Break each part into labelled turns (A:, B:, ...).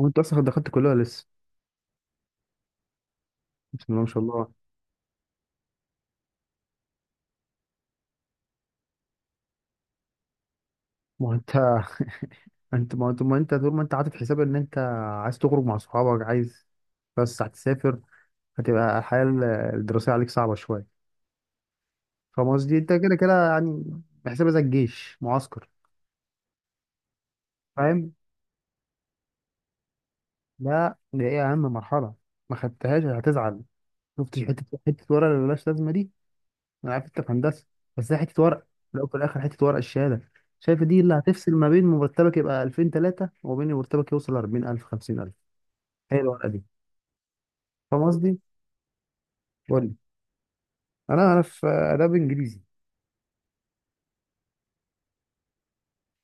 A: هو انت اصلا دخلت كلها لسه؟ بسم الله ما شاء الله. ما هو انت انت ما هو انت ما انت طول ما انت عاطف حساب ان انت عايز تخرج مع صحابك، عايز، بس هتسافر، هتبقى الحياه الدراسيه عليك صعبه شويه. فاهم قصدي؟ انت كده كده يعني، بحسابها زي الجيش معسكر. فاهم؟ لا دي ايه، اهم مرحله. ما خدتهاش هتزعل. شفتش حته ورقه اللي ملهاش لازمه دي؟ انا عارف انت في هندسه، بس هي حته ورقه. لو في الاخر حته ورقه الشهاده، شايف دي اللي هتفصل ما بين مرتبك يبقى 2003 وما بين مرتبك يوصل 40,000 50,000. هي الورقه دي. فاهم قصدي؟ قول لي. انا في اداب انجليزي.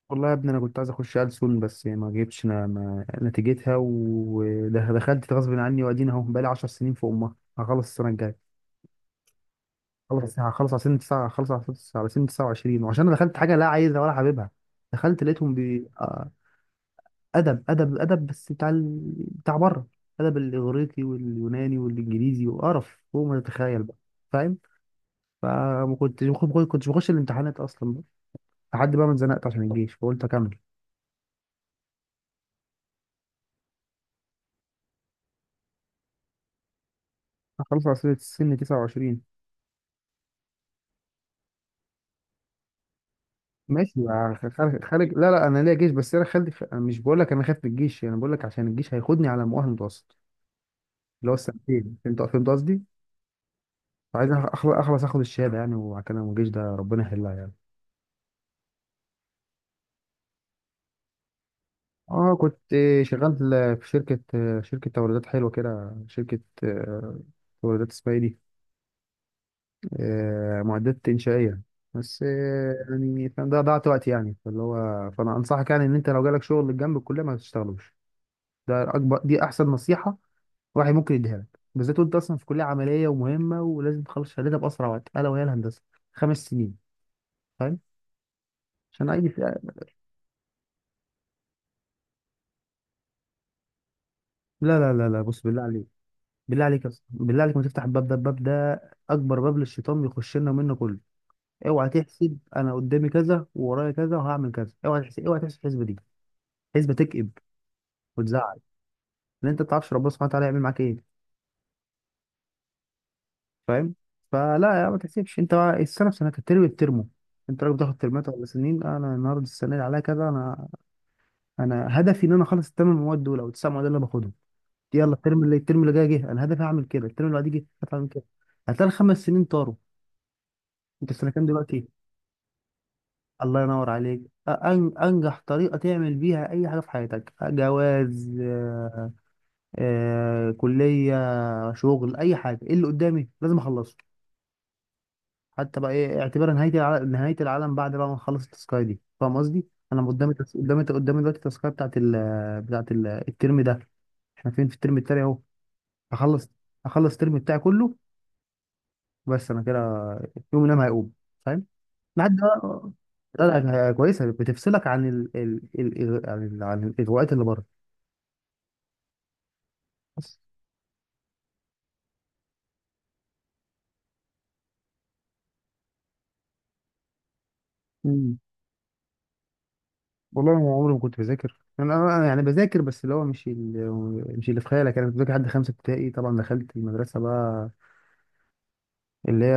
A: والله يا ابني انا كنت عايز اخش ألسن بس ما جبتش ما نتيجتها، ودخلت غصب عني، وادينا اهو بقالي 10 سنين في امها، هخلص السنه الجايه. خلص هخلص على سن 9، هخلص على سن 29، وعشان انا دخلت حاجه لا عايزها ولا حاببها. دخلت لقيتهم بي... آه، ادب بس بتاع بره، ادب الاغريقي واليوناني والانجليزي، وقرف فوق ما تتخيل بقى. فاهم؟ فما كنتش ما كنتش بخش الامتحانات اصلا لحد بقى ما اتزنقت عشان الجيش فقلت اكمل. خلص عصير السن 29. ماشي بقى، خارج خارج، لا لا، انا ليا جيش، بس انا خالد أنا مش بقول لك انا خايف من الجيش، انا بقول لك عشان الجيش هياخدني على مؤهل متوسط اللي هو السنتين. فهمت قصدي؟ فعايز اخلص اخد الشهاده يعني، وبعد كده الجيش ده ربنا يحلها يعني. اه كنت شغال في شركه توريدات حلوه كده، شركه، توريدات، اسمها ايه دي، معدات انشائيه. بس يعني فاهم ده ضيعت وقت يعني، فاللي هو فانا انصحك يعني ان انت لو جالك شغل جنب الكليه ما تشتغلوش. ده اكبر دي احسن نصيحه واحد ممكن يديها لك، بالذات وانت اصلا في كليه عمليه ومهمه، ولازم تخلص شهادتها باسرع وقت، الا وهي الهندسه، خمس سنين. فاهم؟ عشان عادي لا لا لا لا، بص، بالله عليك، بالله عليك يا اسطى، بالله عليك ما تفتح الباب ده. الباب ده اكبر باب للشيطان بيخش لنا منه كله. اوعى تحسب انا قدامي كذا وورايا كذا وهعمل كذا، اوعى تحسب الحسبه دي حسبه تكئب وتزعل. ان انت ما تعرفش ربنا سبحانه وتعالى يعمل معاك ايه. فاهم؟ فلا يا، ما تحسبش انت بقى السنه في سنتها الترم بترمه. انت راجل بتاخد ترمات ولا سنين؟ انا النهارده السنه اللي عليا كذا، انا هدفي ان انا اخلص الثمان مواد دول او التسع مواد اللي انا باخدهم دي. يلا الترم اللي جاي جه انا هدفي هعمل كده، الترم اللي بعديه جه هدفي هعمل كده، هتلاقي الخمس سنين طاروا. انت في سنه كام دلوقتي؟ الله ينور عليك. انجح طريقه تعمل بيها اي حاجه في حياتك، جواز، كليه، شغل، اي حاجه، ايه اللي قدامي لازم اخلصه. حتى بقى ايه، اعتبار نهايه العالم، نهايه العالم بعد بقى ما نخلص التاسكايه دي. فاهم قصدي؟ انا قدامي قدامي دلوقتي التاسكايه بتاعت الترم ده. احنا فين، في الترم التاني اهو. هخلص هخلص الترم بتاعي كله، بس انا كده يوم نام هيقوم. فاهم؟ لحد بقى، لا لا، هي كويسه بتفصلك عن ال... ال... ال... عن ال... عن الاغواءات اللي بره. بس مم. والله ما عمري ما كنت بذاكر. انا يعني بذاكر بس اللي هو مش اللي في خيالك. انا كنت بذاكر لحد خمسه ابتدائي، طبعا دخلت المدرسه بقى اللي هي،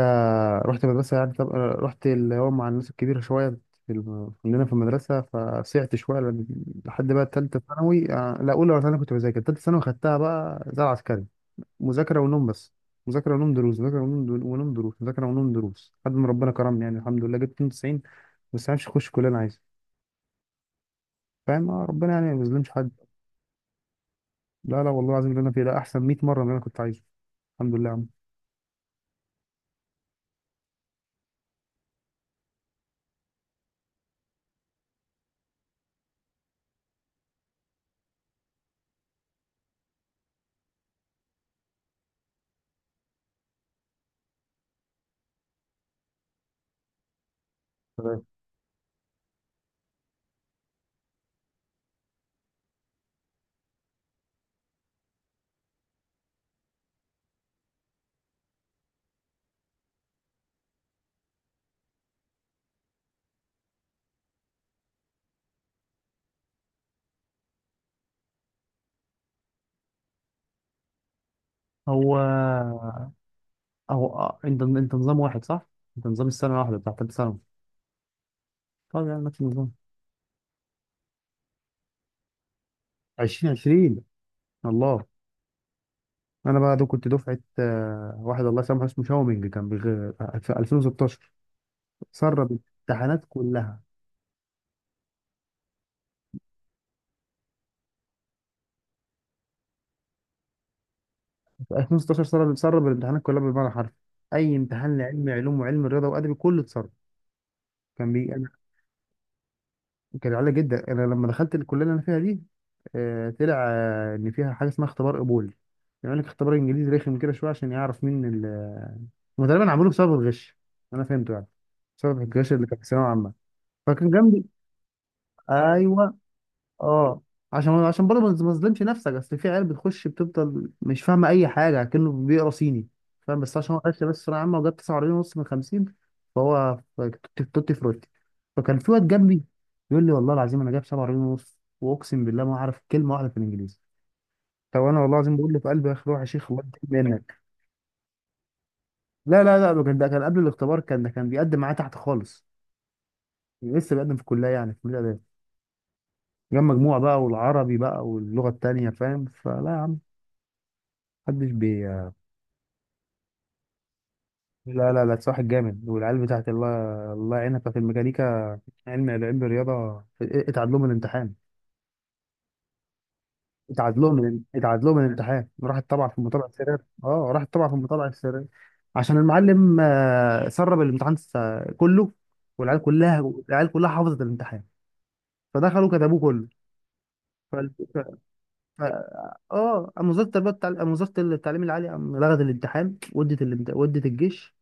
A: رحت مدرسة يعني، طب رحت اللي هو مع الناس الكبيرة شوية، كلنا في المدرسة فسعت شوية، لحد بقى تالتة ثانوي. لا أولى ولا ثانوي، كنت بذاكر تالتة ثانوي، خدتها بقى زي العسكري، مذاكرة ونوم بس، مذاكرة ونوم دروس، مذاكرة ونوم دروس، ونوم دروس، مذاكرة ونوم دروس، لحد ما ربنا كرمني يعني، الحمد لله جبت 92. بس عارفش أخش كلية أنا عايزها. فاهم؟ اه، ربنا يعني ما بيظلمش حد. لا لا، والله العظيم اللي أنا فيه ده أحسن 100 مرة من اللي أنا كنت عايزه. الحمد لله يا عم. تمام. هو أو أنت نظام واحد صح؟ أنت نظام السنة الواحدة بتاع تالتة ثانوي. طب يعني نفس النظام. 2020. الله. أنا بقى ده كنت دفعة واحد الله يسامحه اسمه شاومينج، كان في 2016 سرب الامتحانات كلها. في 2016 سرب الامتحانات كلها بالمعنى الحرفي. أي امتحان، لعلم علوم، وعلم رياضة، وأدبي، كله اتسرب. أنا كان عالي جدا. أنا لما دخلت الكلية اللي أنا فيها دي، طلع إن فيها حاجة اسمها اختبار قبول، يعمل لك اختبار انجليزي رخم كده شويه عشان يعرف مين هم. تقريبا عملوه بسبب الغش، انا فهمته يعني، بسبب الغش اللي كان في ثانويه عامه. فكان جنبي، ايوه، اه، عشان برضه ما ما تظلمش نفسك، اصل في عيال بتخش بتفضل مش فاهمه اي حاجه كأنه بيقرا صيني. فاهم؟ بس عشان هو غش بس ثانويه عامه وجاب 49 ونص من 50، فهو توتي، توتي فروتي. فكان في واد جنبي يقول لي والله العظيم انا جايب 47 ونص، واقسم بالله ما اعرف كلمه واحده في الانجليزي. طب انا والله العظيم بقول له في قلبي، يا اخي روح يا شيخ، الله يديك منك. لا لا لا، ده كان قبل الاختبار، ده كان بيقدم معايا تحت خالص، لسه بقدم في الكليه يعني، في كليه اداب. جاب مجموع بقى، والعربي بقى، واللغه التانيه. فاهم؟ فلا يا عم، محدش بي. لا لا لا، صاحب جامد، والعيال بتاعت الله، الله يعينها، بتاعت الميكانيكا، علم الرياضه اتعاد لهم الامتحان. اتعاد لهم الامتحان، راحت طبعا في المطابعه السريه. اه راحت طبعا في المطابعه السريه عشان المعلم سرب الامتحان كله. والعيال كلها، العيال كلها حافظت الامتحان فدخلوا كتبوه كله. اه قام وزاره التربيه والتعليم، قام وزاره التعليم العالي، قام لغت الامتحان، ودت ودت الجيش،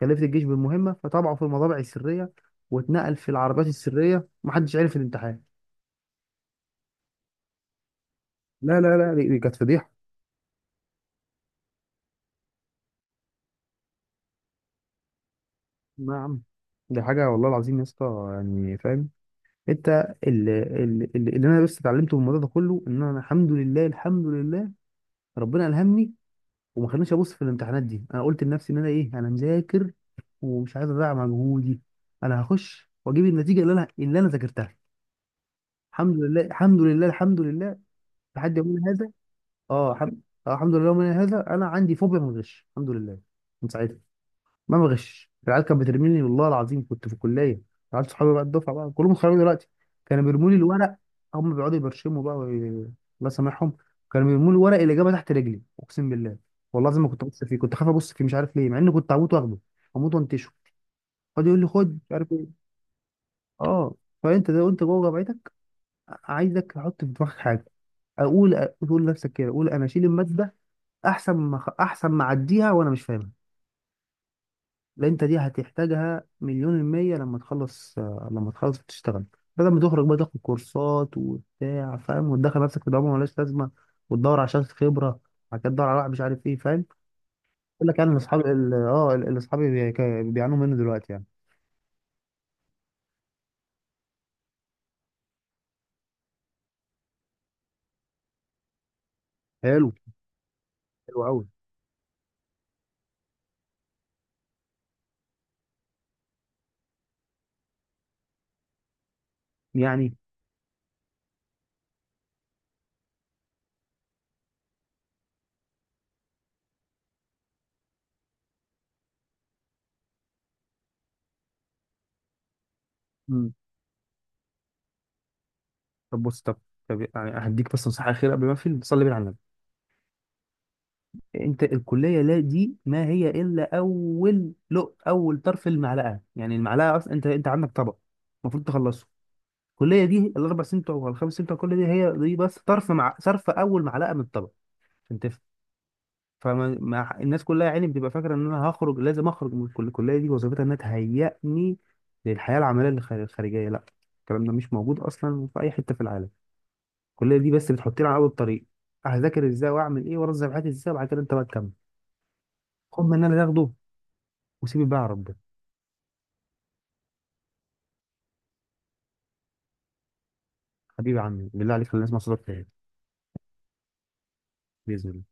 A: كلفت الجيش بالمهمه، فطبعه في المطابع السريه، واتنقل في العربات السريه، محدش عرف الامتحان. لا لا لا، دي كانت فضيحه. نعم. دي حاجه والله العظيم يا اسطى. يعني فاهم؟ انت اللي انا بس اتعلمته من الموضوع ده كله، ان انا الحمد لله، الحمد لله ربنا الهمني وما خلانيش ابص في الامتحانات دي. انا قلت لنفسي ان انا ايه، انا مذاكر ومش عايز اضيع مجهودي، انا هخش واجيب النتيجه اللي انا ذاكرتها. الحمد لله، الحمد لله، الحمد لله. لحد يومنا هذا، اه الحمد، اه الحمد لله يومنا هذا انا عندي فوبيا من الغش، الحمد لله. من ساعتها ما بغش. العيال كانت بترميني، والله العظيم كنت في الكليه، العيال صحابي بقى، الدفعه بقى كلهم خرجوا دلوقتي، كانوا بيرموا لي الورق، هم بيقعدوا يبرشموا بقى، الله يسامحهم، كانوا بيرموا لي ورق الاجابه تحت رجلي، اقسم بالله والله العظيم ما كنت ابص فيه، كنت خايف ابص فيه، مش عارف ليه، مع اني كنت هموت واخده، هموت وانتشه، فاضي يقول لي خد مش عارف ايه. اه. فانت ده وانت جوه جامعتك، عايزك تحط في دماغك حاجه، اقول اقول لنفسك كده، اقول انا اشيل الماده احسن ما اعديها وانا مش فاهمها. لا، انت دي هتحتاجها مليون المية لما تخلص، تشتغل. بدل ما تخرج بقى تاخد كورسات وبتاع، فاهم؟ وتدخل نفسك في دوامة ملهاش لازمة، وتدور على شهادة خبرة، بعد كده تدور على واحد مش عارف ايه. فاهم؟ يقول لك يعني ان اصحابي اللي اصحابي بيعانوا منه دلوقتي يعني. حلو، حلو قوي. يعني مم. طب بص، طب يعني هديك بس نصيحة أخيرة قبل ما أقفل. صلي بينا على النبي. أنت الكلية، لا دي ما هي إلا أول، لق أول طرف المعلقة. يعني المعلقة أصلا، أنت عندك طبق المفروض تخلصه. الكليه دي الاربع سنين بتوع ولا الخمس سنين بتوع، الكليه دي هي دي بس طرف مع صرف اول معلقه من الطبق، عشان تفهم. فما مع الناس كلها يا عيني بتبقى فاكره ان انا هخرج، لازم اخرج من الكليه دي، وظيفتها انها تهيئني للحياه العمليه الخارجيه. لا، الكلام ده مش موجود اصلا في اي حته في العالم. الكليه دي بس بتحطني على اول الطريق، هذاكر ازاي، واعمل ايه، وانظم حياتي ازاي، وبعد كده انت بقى تكمل. خد من اللي انا اخده، وسيبي بقى يا رب. حبيبي يا عمي، بالله عليك خلينا نسمع صوتك تاني. باذن الله.